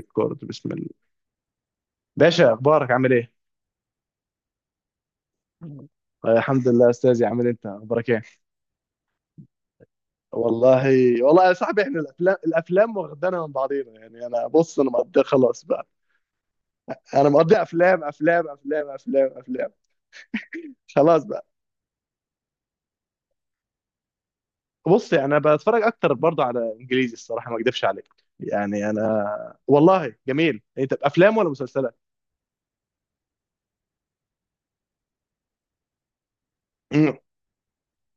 ريكورد، بسم الله. باشا، اخبارك عامل ايه؟ آه، الحمد لله يا استاذي. عامل انت اخبارك ايه؟ والله. والله، يا صاحبي احنا الافلام واخدانا من بعضينا، يعني انا بص، انا مقضي خلاص بقى. انا مقضي، افلام افلام افلام افلام افلام. خلاص بقى. بص، يعني انا بتفرج اكتر برضه على انجليزي، الصراحه ما اكدبش عليك. يعني انا. والله جميل، انت افلام ولا مسلسلات؟ مم.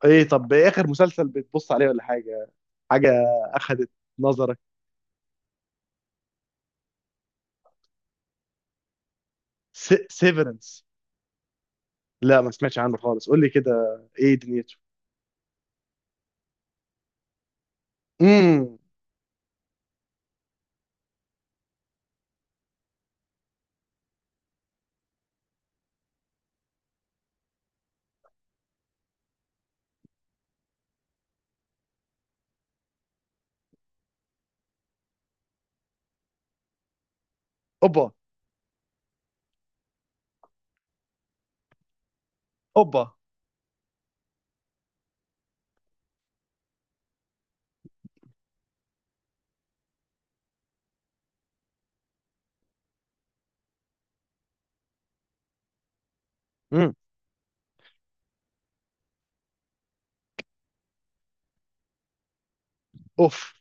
ايه، طب اخر مسلسل بتبص عليه ولا حاجه، حاجه اخذت نظرك؟ سيفرنس؟ لا ما سمعتش عنه خالص، قول لي كده، ايه دنيته؟ امم اوبا. اوبا. امم اوف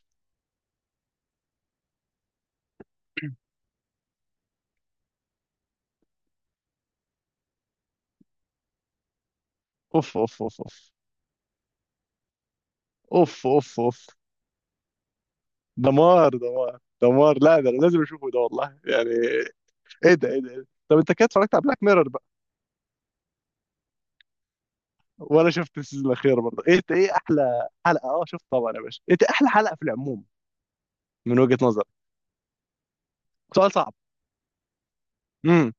اوف اوف اوف. اوف اوف اوف اوف. دمار دمار دمار. لا ده أنا لازم اشوفه، ده والله يعني. ايه ده، ايه ده، إيه ده؟ طب انت كده اتفرجت على بلاك ميرور بقى؟ ولا شفت السيزون الاخير برضه؟ ايه، ايه احلى حلقه؟ اه شفت طبعا يا باشا. انت احلى حلقه في العموم من وجهة نظرك؟ سؤال صعب. امم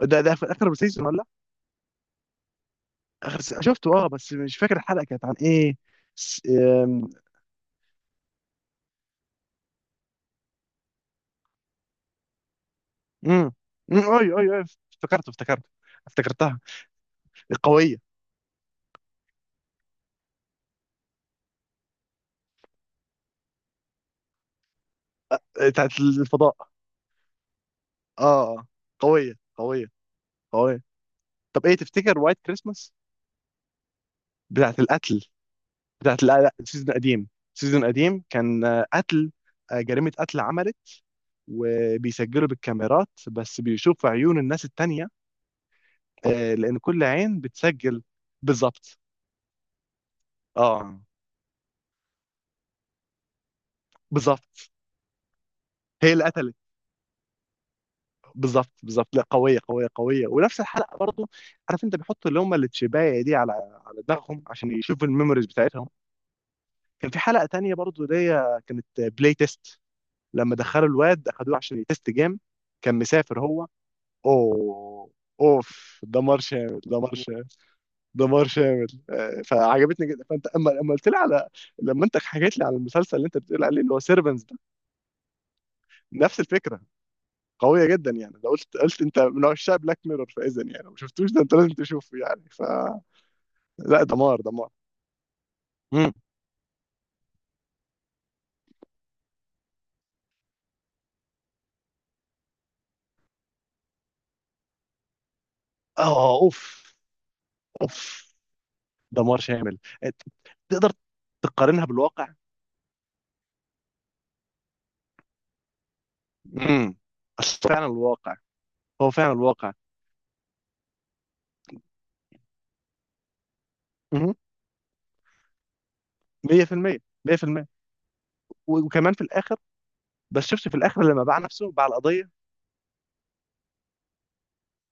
ده ده في اخر سيزون ولا؟ اخر سيزون شفته اه، بس مش فاكر الحلقه كانت عن ايه. س... آم، امم. اي اي اي. افتكرت افتكرتها، القويه. آه، بتاعت الفضاء. اه. اه. قويه قويه قويه. طب ايه تفتكر وايت كريسماس بتاعت القتل؟ بتاعت، لا لا، سيزون قديم. سيزون قديم، كان قتل، جريمه قتل عملت، وبيسجلوا بالكاميرات، بس بيشوفوا عيون الناس التانية، لان كل عين بتسجل. بالظبط. اه بالظبط. هي اللي قتلت. بالظبط بالظبط. لا قويه قويه قويه. ونفس الحلقه برضو عارف، انت بيحطوا اللي هم التشبايه دي على على دماغهم عشان يشوفوا الميموريز بتاعتهم. كان في حلقه تانية برضو دي، كانت بلاي تيست، لما دخلوا الواد اخدوه عشان يتست جيم، كان مسافر هو. اوه. اوف، دمار شامل، دمار شامل، دمار شامل. فعجبتني جدا. فانت اما قلت لي على، لما انت حكيت لي على المسلسل اللي انت بتقول عليه اللي هو سيرفنس ده، نفس الفكره، قويه جدا يعني. لو قلت، قلت انت من عشاق بلاك ميرور، فاذا يعني لو ما شفتوش ده، انت لازم تشوفه يعني. ف، لا دمار دمار. مم. اه اوف اوف، دمار شامل. ت- تقدر تقارنها بالواقع؟ امم اصل فعلا الواقع، هو فعلا الواقع مهم. 100%. 100%. وكمان في الاخر، ده الشفت في الاخر لما باع نفسه، باع القضيه.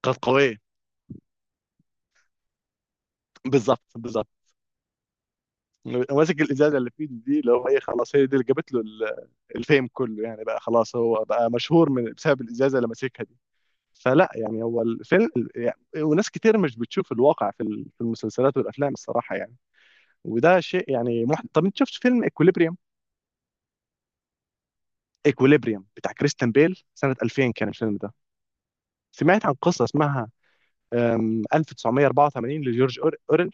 كانت قويه. بالظبط بالظبط. ماسك الازازه اللي في ايده دي، اللي هو ايه، خلاص هي دي اللي جابت له الفيم كله يعني. بقى خلاص هو بقى مشهور من بسبب الازازه اللي ماسكها دي. فلا يعني، هو الفيلم يعني. وناس كتير مش بتشوف الواقع في في المسلسلات والافلام، الصراحه يعني. وده شيء يعني طب انت شفت فيلم اكوليبريم؟ اكوليبريم بتاع كريستن بيل، سنه 2000 كان الفيلم ده. سمعت عن قصه اسمها 1984 لجورج اورل؟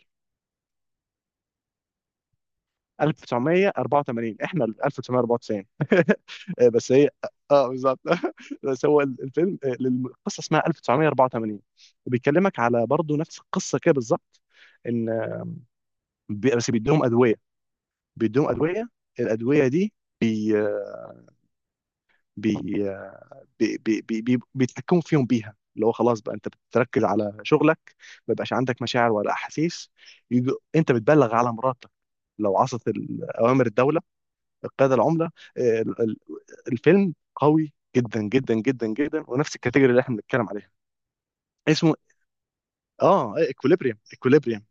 1984، احنا ال 1994 بس هي، اه بالظبط بس هو الفيلم، القصه اسمها 1984، وبيكلمك على برضه نفس القصه كده بالظبط. ان، بس بيديهم ادويه، بيديهم ادويه، الادويه دي بي بي بي بي بي بي بيتحكموا فيهم بيها، اللي هو خلاص بقى انت بتركز على شغلك، ما يبقاش عندك مشاعر ولا احاسيس، يجي انت بتبلغ على مراتك لو عصت اوامر الدوله، القيادة العملة. آه، ال- ال- الفيلم قوي جدا جدا جدا جدا، ونفس الكاتيجوري اللي احنا بنتكلم عليها. اسمه اه، اكوليبريم، اكوليبريم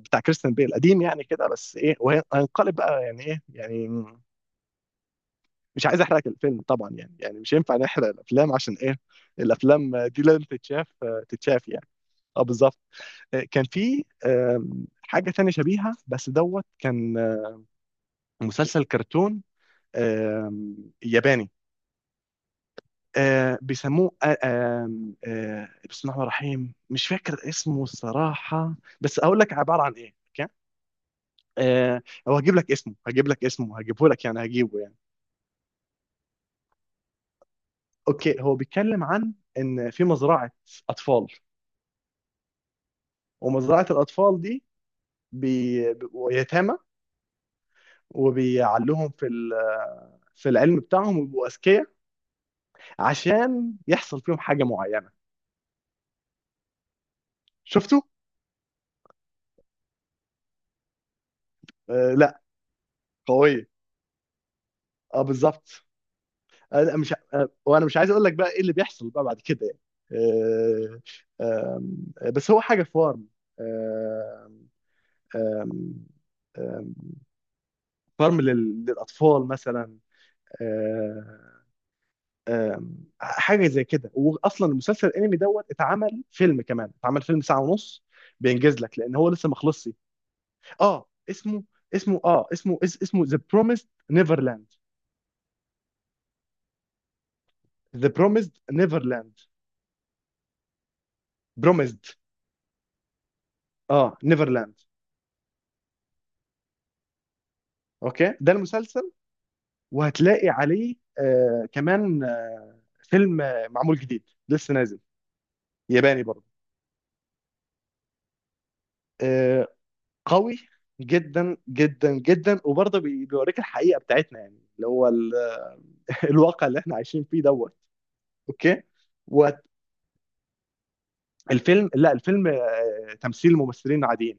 بتاع كريستيان بيل، قديم يعني كده. بس ايه، وهنقلب بقى يعني، ايه يعني، مش عايز احرق الفيلم طبعا يعني. يعني مش ينفع نحرق الافلام، عشان ايه، الافلام دي لازم تتشاف، تتشاف يعني. اه بالظبط. آه، كان في آم، حاجة تانية شبيهة بس دوت. كان مسلسل كرتون، آم، ياباني. بيسموه، بسم الله الرحمن الرحيم، مش فاكر اسمه الصراحة، بس أقول لك عبارة عن إيه أوكي. آه هو هجيب لك اسمه، هجيب لك اسمه، هجيبه لك يعني، هجيبه يعني. أوكي، هو بيتكلم عن إن في مزرعة أطفال، ومزرعة الأطفال دي، بيبقوا يتامى، وبيعلوهم في في العلم بتاعهم ويبقوا أذكياء، عشان يحصل فيهم حاجة معينة. شفتوا؟ آه لا، قوية، اه بالظبط. انا مش ع- وانا مش عايز اقول لك بقى ايه اللي بيحصل بقى بعد كده يعني. آه، آم، بس هو حاجه فارم، آم، آم، آم، فارم للاطفال مثلا. آه، آم، حاجه زي كده. واصلا المسلسل الانمي دوت، اتعمل فيلم كمان، اتعمل فيلم ساعه ونص، بينجز لك لان هو لسه ما خلصش. اه اسمه، اسمه ذا بروميسد نيفرلاند. ذا بروميسد نيفرلاند. بروميسد، اه، نيفرلاند. اوكي، ده المسلسل. وهتلاقي عليه آه كمان فيلم، معمول جديد، لسه نازل، ياباني برضه. آه، قوي جدا جدا جدا، وبرضه بيوريك الحقيقة بتاعتنا يعني، اللي هو الواقع اللي احنا عايشين فيه دوت. اوكي. والفيلم لا الفيلم تمثيل، ممثلين عاديين.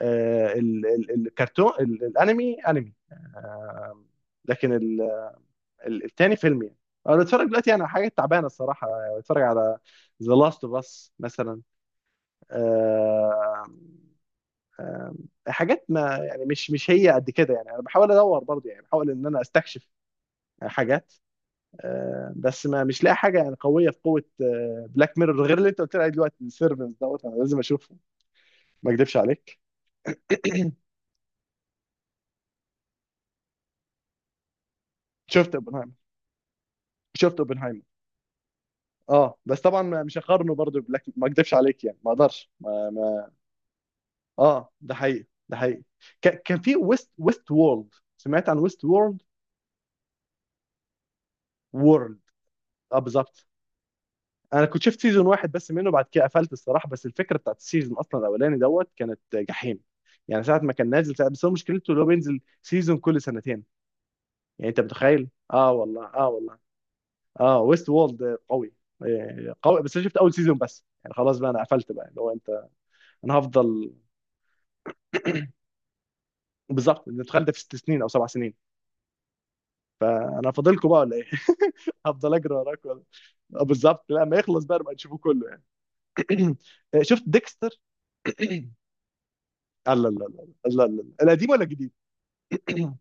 آه الكرتون، الانمي انمي آه، لكن التاني فيلم يعني. انا بتفرج دلوقتي على حاجات تعبانه الصراحه، بتفرج على ذا لاست اوف اس مثلا. آه، آه حاجات، ما يعني، مش هي قد كده يعني. انا بحاول ادور برضه، يعني بحاول ان انا استكشف حاجات، بس، ما مش لاقي حاجه يعني قويه في قوه بلاك ميرور، غير اللي انت قلت لي عليه دلوقتي، السيرفنس دوت، انا لازم اشوفه، ما اكذبش عليك. شفت اوبنهايمر، شفت اوبنهايمر. اه بس طبعا، مش هقارنه برضه ببلاك، ما اكذبش عليك يعني. ما اقدرش، ما ما اه، ده حقيقي، ده حقيقي. كان في ويست وورلد، سمعت عن ويست وورلد؟ وورلد. اه بالظبط. انا كنت شفت سيزون واحد بس منه، بعد كده قفلت الصراحه. بس الفكره بتاعت السيزون اصلا الاولاني دوت كانت جحيم يعني ساعه ما كان نازل ساعة. بس هو مشكلته اللي هو بينزل سيزون كل سنتين، يعني انت متخيل؟ اه والله، اه والله. اه ويست وولد قوي، قوي. بس انا شفت اول سيزون بس، يعني خلاص بقى، انا قفلت بقى اللي هو انت، انا هفضل. بالظبط، انت متخيل، ده في ست سنين او سبع سنين؟ انا فاضلكم بقى ولا ايه؟ هفضل اجري وراك ولا؟ بالظبط. لا ما يخلص بقى نبقى نشوفه كله يعني. شفت ديكستر؟ لا لا لا، لا لا لا، القديم ولا الجديد؟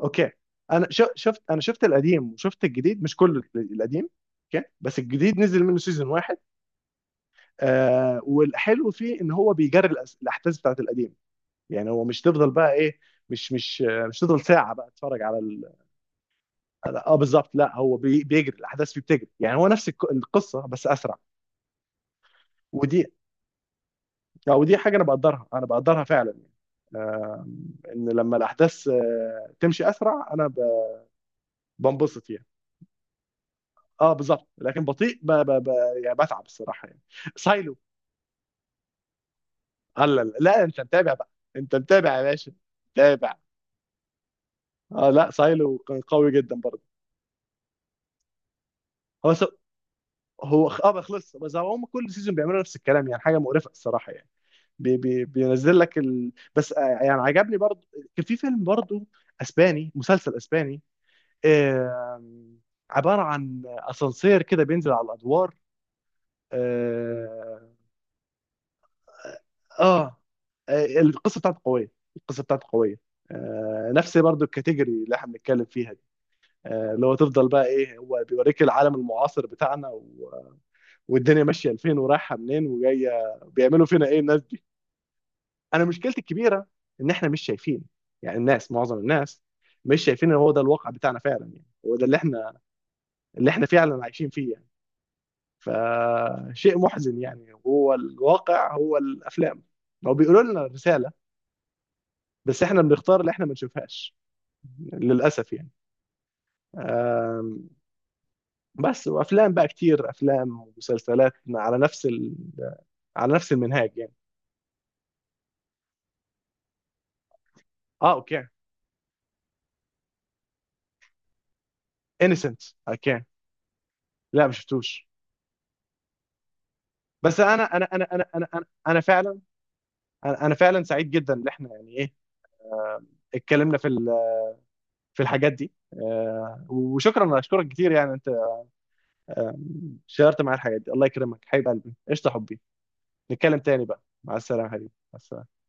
اوكي. انا شفت القديم، وشفت الجديد مش كله القديم. اوكي، بس الجديد نزل منه سيزون واحد. والحلو فيه، ان هو بيجري الاحداث بتاعت القديم، يعني هو مش تفضل بقى ايه، مش تفضل ساعه بقى تتفرج اه بالظبط. لا هو بيجري الاحداث فيه، بتجري يعني. هو نفس القصه بس اسرع. ودي، ودي حاجه انا بقدرها، انا بقدرها فعلا يعني. آه ان لما الاحداث تمشي اسرع، بنبسط يعني. اه بالظبط. لكن بطيء، يعني بتعب الصراحه يعني. سايلو. لا لا لا، انت متابع بقى؟ انت متابع يا باشا؟ متابع. اه، لا سايلو كان قوي جدا برضه. هو س... هو خ- اه بقى خلص، بس هم كل سيزون بيعملوا نفس الكلام، يعني حاجه مقرفه الصراحه يعني. بينزل لك بس آه يعني عجبني برضه. كان في فيلم برضه اسباني، مسلسل اسباني، آه... عباره عن اسانسير كده بينزل على الادوار، آه، اه. القصه بتاعته قويه، القصه بتاعته قويه. آه، نفس برضو الكاتيجوري اللي احنا بنتكلم فيها دي. اللي هو تفضل بقى ايه، هو بيوريك العالم المعاصر بتاعنا والدنيا ماشيه لفين، ورايحه منين، وجايه بيعملوا فينا ايه الناس دي. انا مشكلتي الكبيره، ان احنا مش شايفين، يعني الناس معظم الناس مش شايفين ان هو ده الواقع بتاعنا فعلا يعني. هو ده اللي احنا، اللي احنا فعلا عايشين فيه يعني. فشيء محزن يعني، هو الواقع هو الافلام، هو بيقولوا لنا رساله، بس احنا بنختار اللي احنا ما نشوفهاش للاسف يعني. آم، بس وافلام بقى كتير، افلام ومسلسلات على نفس على نفس المنهاج يعني. اه اوكي. انيسنت. اوكي. لا ما شفتوش. بس انا انا انا انا انا انا أنا فعلا، أنا فعلا سعيد جدا ان احنا يعني ايه، اتكلمنا في في الحاجات دي، وشكرا، اشكرك كتير يعني. انت شاركت معايا الحاجات دي، الله يكرمك، حبيب قلبي، قشطه، حبي. نتكلم تاني بقى. مع السلامه حبيبي، مع السلامه.